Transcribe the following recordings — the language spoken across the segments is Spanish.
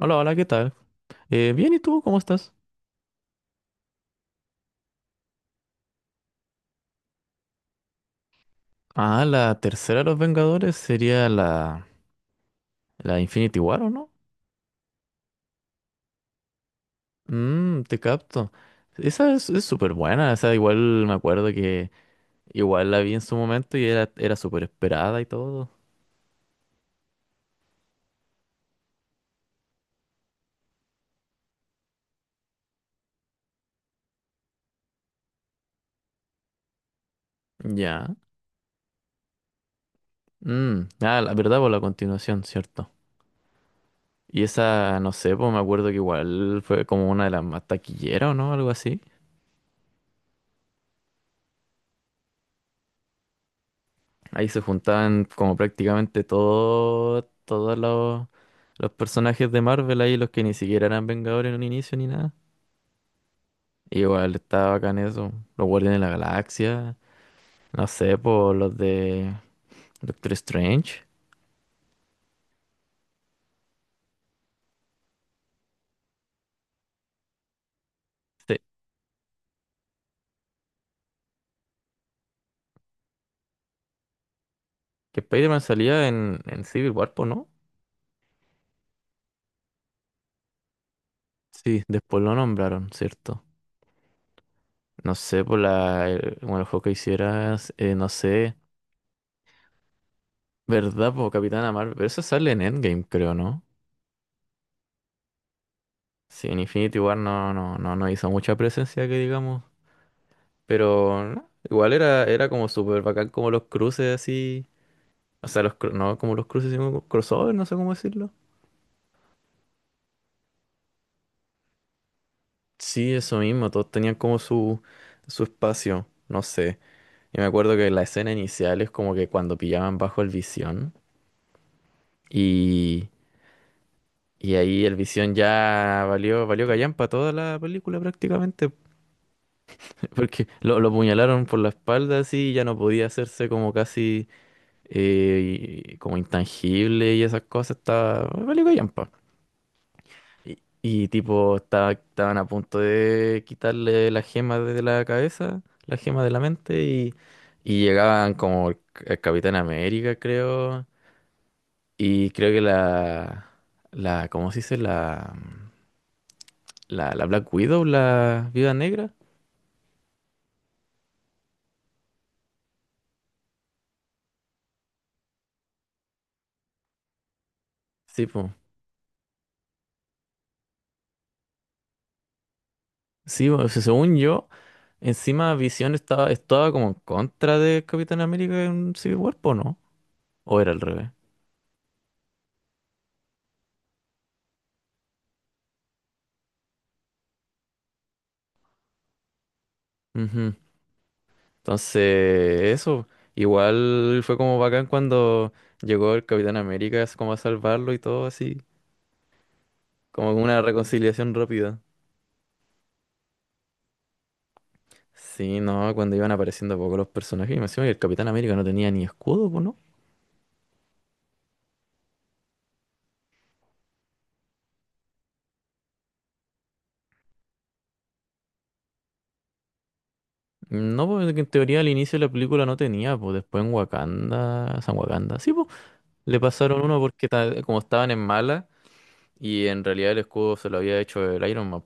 Hola, hola, ¿qué tal? Bien, ¿y tú cómo estás? Ah, la tercera de los Vengadores sería la Infinity War, ¿o no? Mmm, te capto. Esa es súper buena, esa igual me acuerdo que igual la vi en su momento y era súper esperada y todo. Ya. Mm, ah, la verdad, por la continuación, ¿cierto? Y esa, no sé, pues me acuerdo que igual fue como una de las más taquilleras, ¿o no? Algo así. Ahí se juntaban como prácticamente todos los personajes de Marvel ahí, los que ni siquiera eran Vengadores en un inicio ni nada. Igual estaba bacán eso. Los Guardianes de la Galaxia, no sé, por los de Doctor Strange. Sí, que Spider-Man salía en Civil War, po, ¿no? Sí, después lo nombraron, ¿cierto? No sé, por bueno, el juego que hicieras, no sé, ¿verdad? Por Capitana Marvel, pero eso sale en Endgame, creo, ¿no? Sí, en Infinity War no hizo mucha presencia, que digamos. Pero no, igual era como súper bacán como los cruces así. O sea, no como los cruces, sino como crossover, no sé cómo decirlo. Sí, eso mismo, todos tenían como su espacio, no sé. Y me acuerdo que la escena inicial es como que cuando pillaban bajo el Visión y, y ahí el Visión ya valió callampa toda la película prácticamente, porque lo apuñalaron por la espalda así y ya no podía hacerse como casi y como intangible y esas cosas, estaba valió callampa. Y tipo, estaban a punto de quitarle las gemas de la cabeza, las gemas de la mente, y llegaban como el Capitán América, creo, y creo que la, ¿cómo se dice? La Black Widow, la Viuda Negra. Sí, pues. Sí, po, o sea, según yo, encima Visión estaba como en contra de Capitán América en Civil War, ¿po no? ¿O era al revés? Ujú. Entonces, eso, igual fue como bacán cuando llegó el Capitán América es como a salvarlo y todo así, como una reconciliación rápida. Sí, no, cuando iban apareciendo poco los personajes, y me decían que el Capitán América no tenía ni escudo, pues, ¿no? No, pues en teoría al inicio de la película no tenía, pues después en Wakanda, San Wakanda, sí, pues, le pasaron uno porque como estaban en mala y en realidad el escudo se lo había hecho el Iron Man.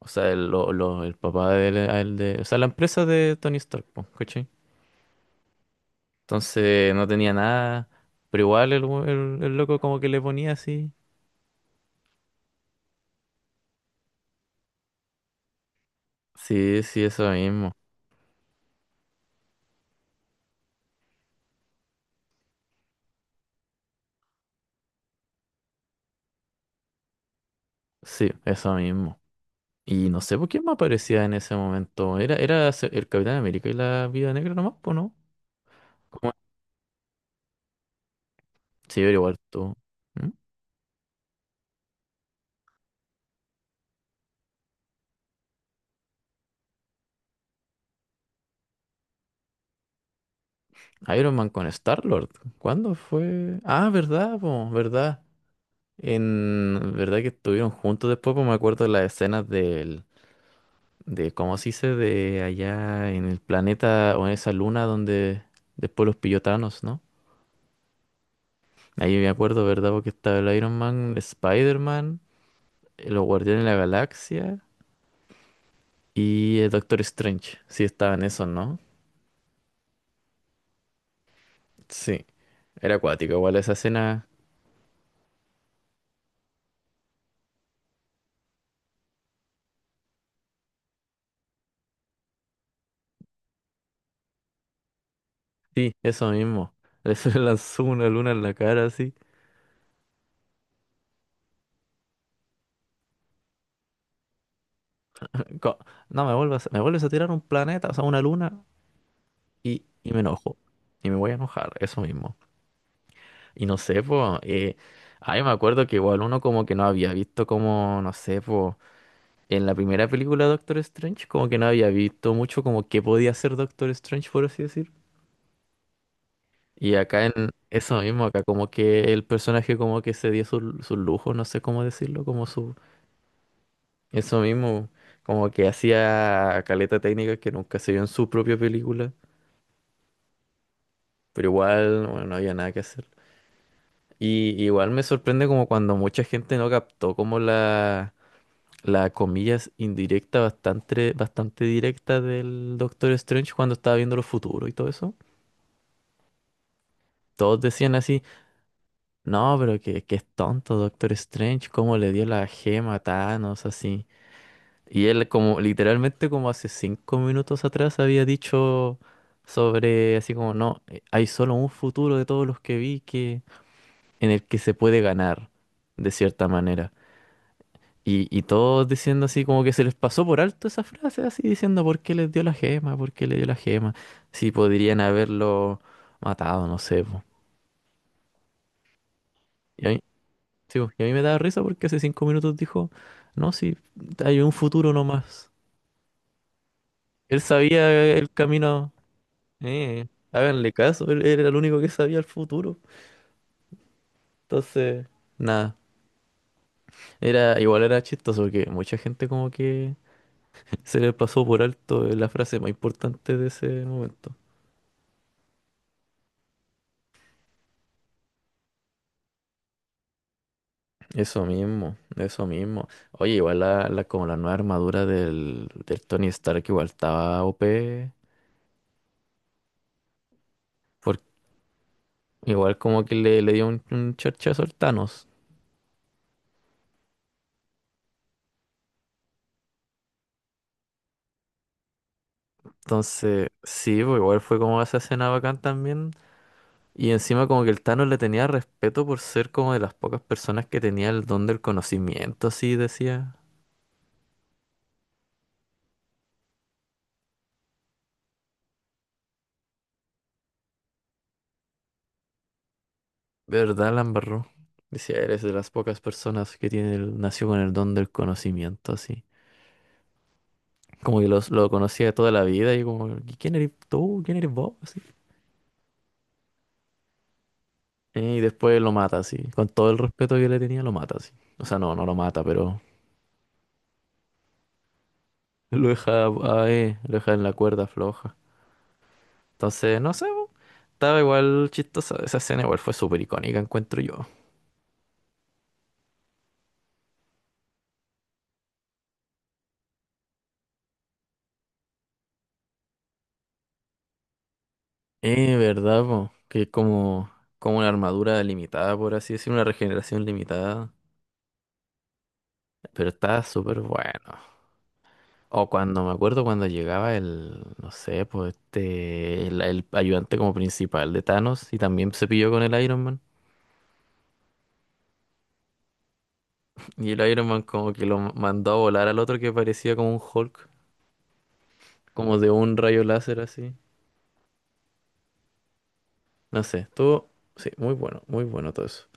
O sea, el papá de él, a él de. O sea, la empresa de Tony Stark, po, ¿cachai? Entonces no tenía nada. Pero igual el loco como que le ponía así. Sí, sí, eso mismo. Sí, eso mismo. Y no sé por quién más aparecía en ese momento. El Capitán América y la Viuda Negra nomás, pues, ¿no? ¿Cómo? Sí, pero igual tú. ¿Mm? Iron Man con Star-Lord. ¿Cuándo fue? Ah, verdad, po, verdad. En verdad que estuvieron juntos después, pues me acuerdo de las escenas del de cómo se dice de allá en el planeta o en esa luna donde después los pillotanos, ¿no? Ahí me acuerdo, ¿verdad? Porque estaba el Iron Man, Spider-Man, los Guardianes de la Galaxia y el Doctor Strange. Sí, estaban esos, ¿no? Sí, era acuático, igual esa escena. Sí, eso mismo. Le lanzó una luna en la cara así. Co- No, me vuelvas, me vuelves a tirar un planeta, o sea, una luna y me enojo. Y me voy a enojar, eso mismo. Y no sé, pues, ay, me acuerdo que igual uno como que no había visto como, no sé, pues, en la primera película de Doctor Strange, como que no había visto mucho como qué podía hacer Doctor Strange, por así decir. Y acá en eso mismo, acá como que el personaje como que se dio su lujo, no sé cómo decirlo, como su, eso mismo, como que hacía caleta técnica que nunca se vio en su propia película, pero igual, bueno, no había nada que hacer. Y igual me sorprende como cuando mucha gente no captó como la comillas indirecta bastante directa del Doctor Strange cuando estaba viendo los futuros y todo eso. Todos decían así, no, pero que es tonto Doctor Strange, cómo le dio la gema a Thanos, así. Y él como literalmente como hace 5 minutos atrás había dicho sobre así como, no, hay solo un futuro de todos los que vi que en el que se puede ganar, de cierta manera. Y todos diciendo así como que se les pasó por alto esa frase, así diciendo por qué les dio la gema, por qué le dio la gema, si podrían haberlo matado, no sé, po. Y a mí, sí, po, y a mí me daba risa porque hace 5 minutos dijo, no, si hay un futuro nomás. Él sabía el camino, eh, háganle caso, él era el único que sabía el futuro. Entonces, nada, era igual era chistoso porque mucha gente como que se les pasó por alto la frase más importante de ese momento. Eso mismo, eso mismo. Oye, igual como la nueva armadura del Tony Stark igual estaba OP, porque igual como que le dio un charchazo al Thanos. Entonces, sí, pues igual fue como esa escena bacán también. Y encima como que el Thanos le tenía respeto por ser como de las pocas personas que tenía el don del conocimiento, así decía. De verdad, la embarró. Decía, eres de las pocas personas que tiene el, nació con el don del conocimiento, así. Como que los, lo conocía de toda la vida y como, "¿Y ¿quién eres tú? ¿Quién eres vos?" Así. Y después lo mata así. Con todo el respeto que le tenía, lo mata así. O sea, no, no lo mata, pero lo deja, ahí, lo deja en la cuerda floja. Entonces, no sé, po, estaba igual chistosa. Esa escena igual fue súper icónica, encuentro yo. ¿Verdad, po? Que es como, como una armadura limitada, por así decir, una regeneración limitada. Pero está súper bueno. O cuando me acuerdo cuando llegaba el, no sé, pues este, el ayudante como principal de Thanos y también se pilló con el Iron Man. Y el Iron Man como que lo mandó a volar al otro que parecía como un Hulk, como de un rayo láser así. No sé, estuvo, sí, muy bueno, muy bueno todo eso.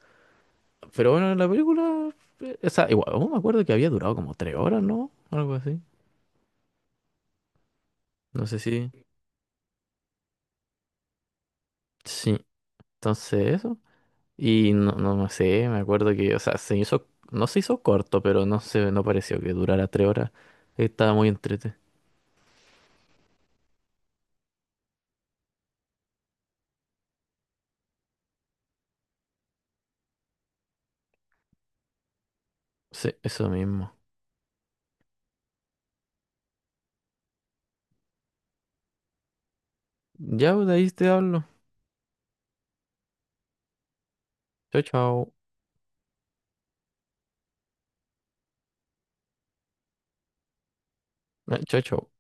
Pero bueno, la película, o sea, igual, aún me acuerdo que había durado como 3 horas, ¿no? Algo así. No sé si, sí, entonces eso. Y no sé, me acuerdo que, o sea, se hizo, no se hizo corto, pero no se, no pareció que durara 3 horas. Estaba muy entrete. Sí, eso mismo. Ya, pues, de ahí te hablo. Chao, chao. Chao, chao.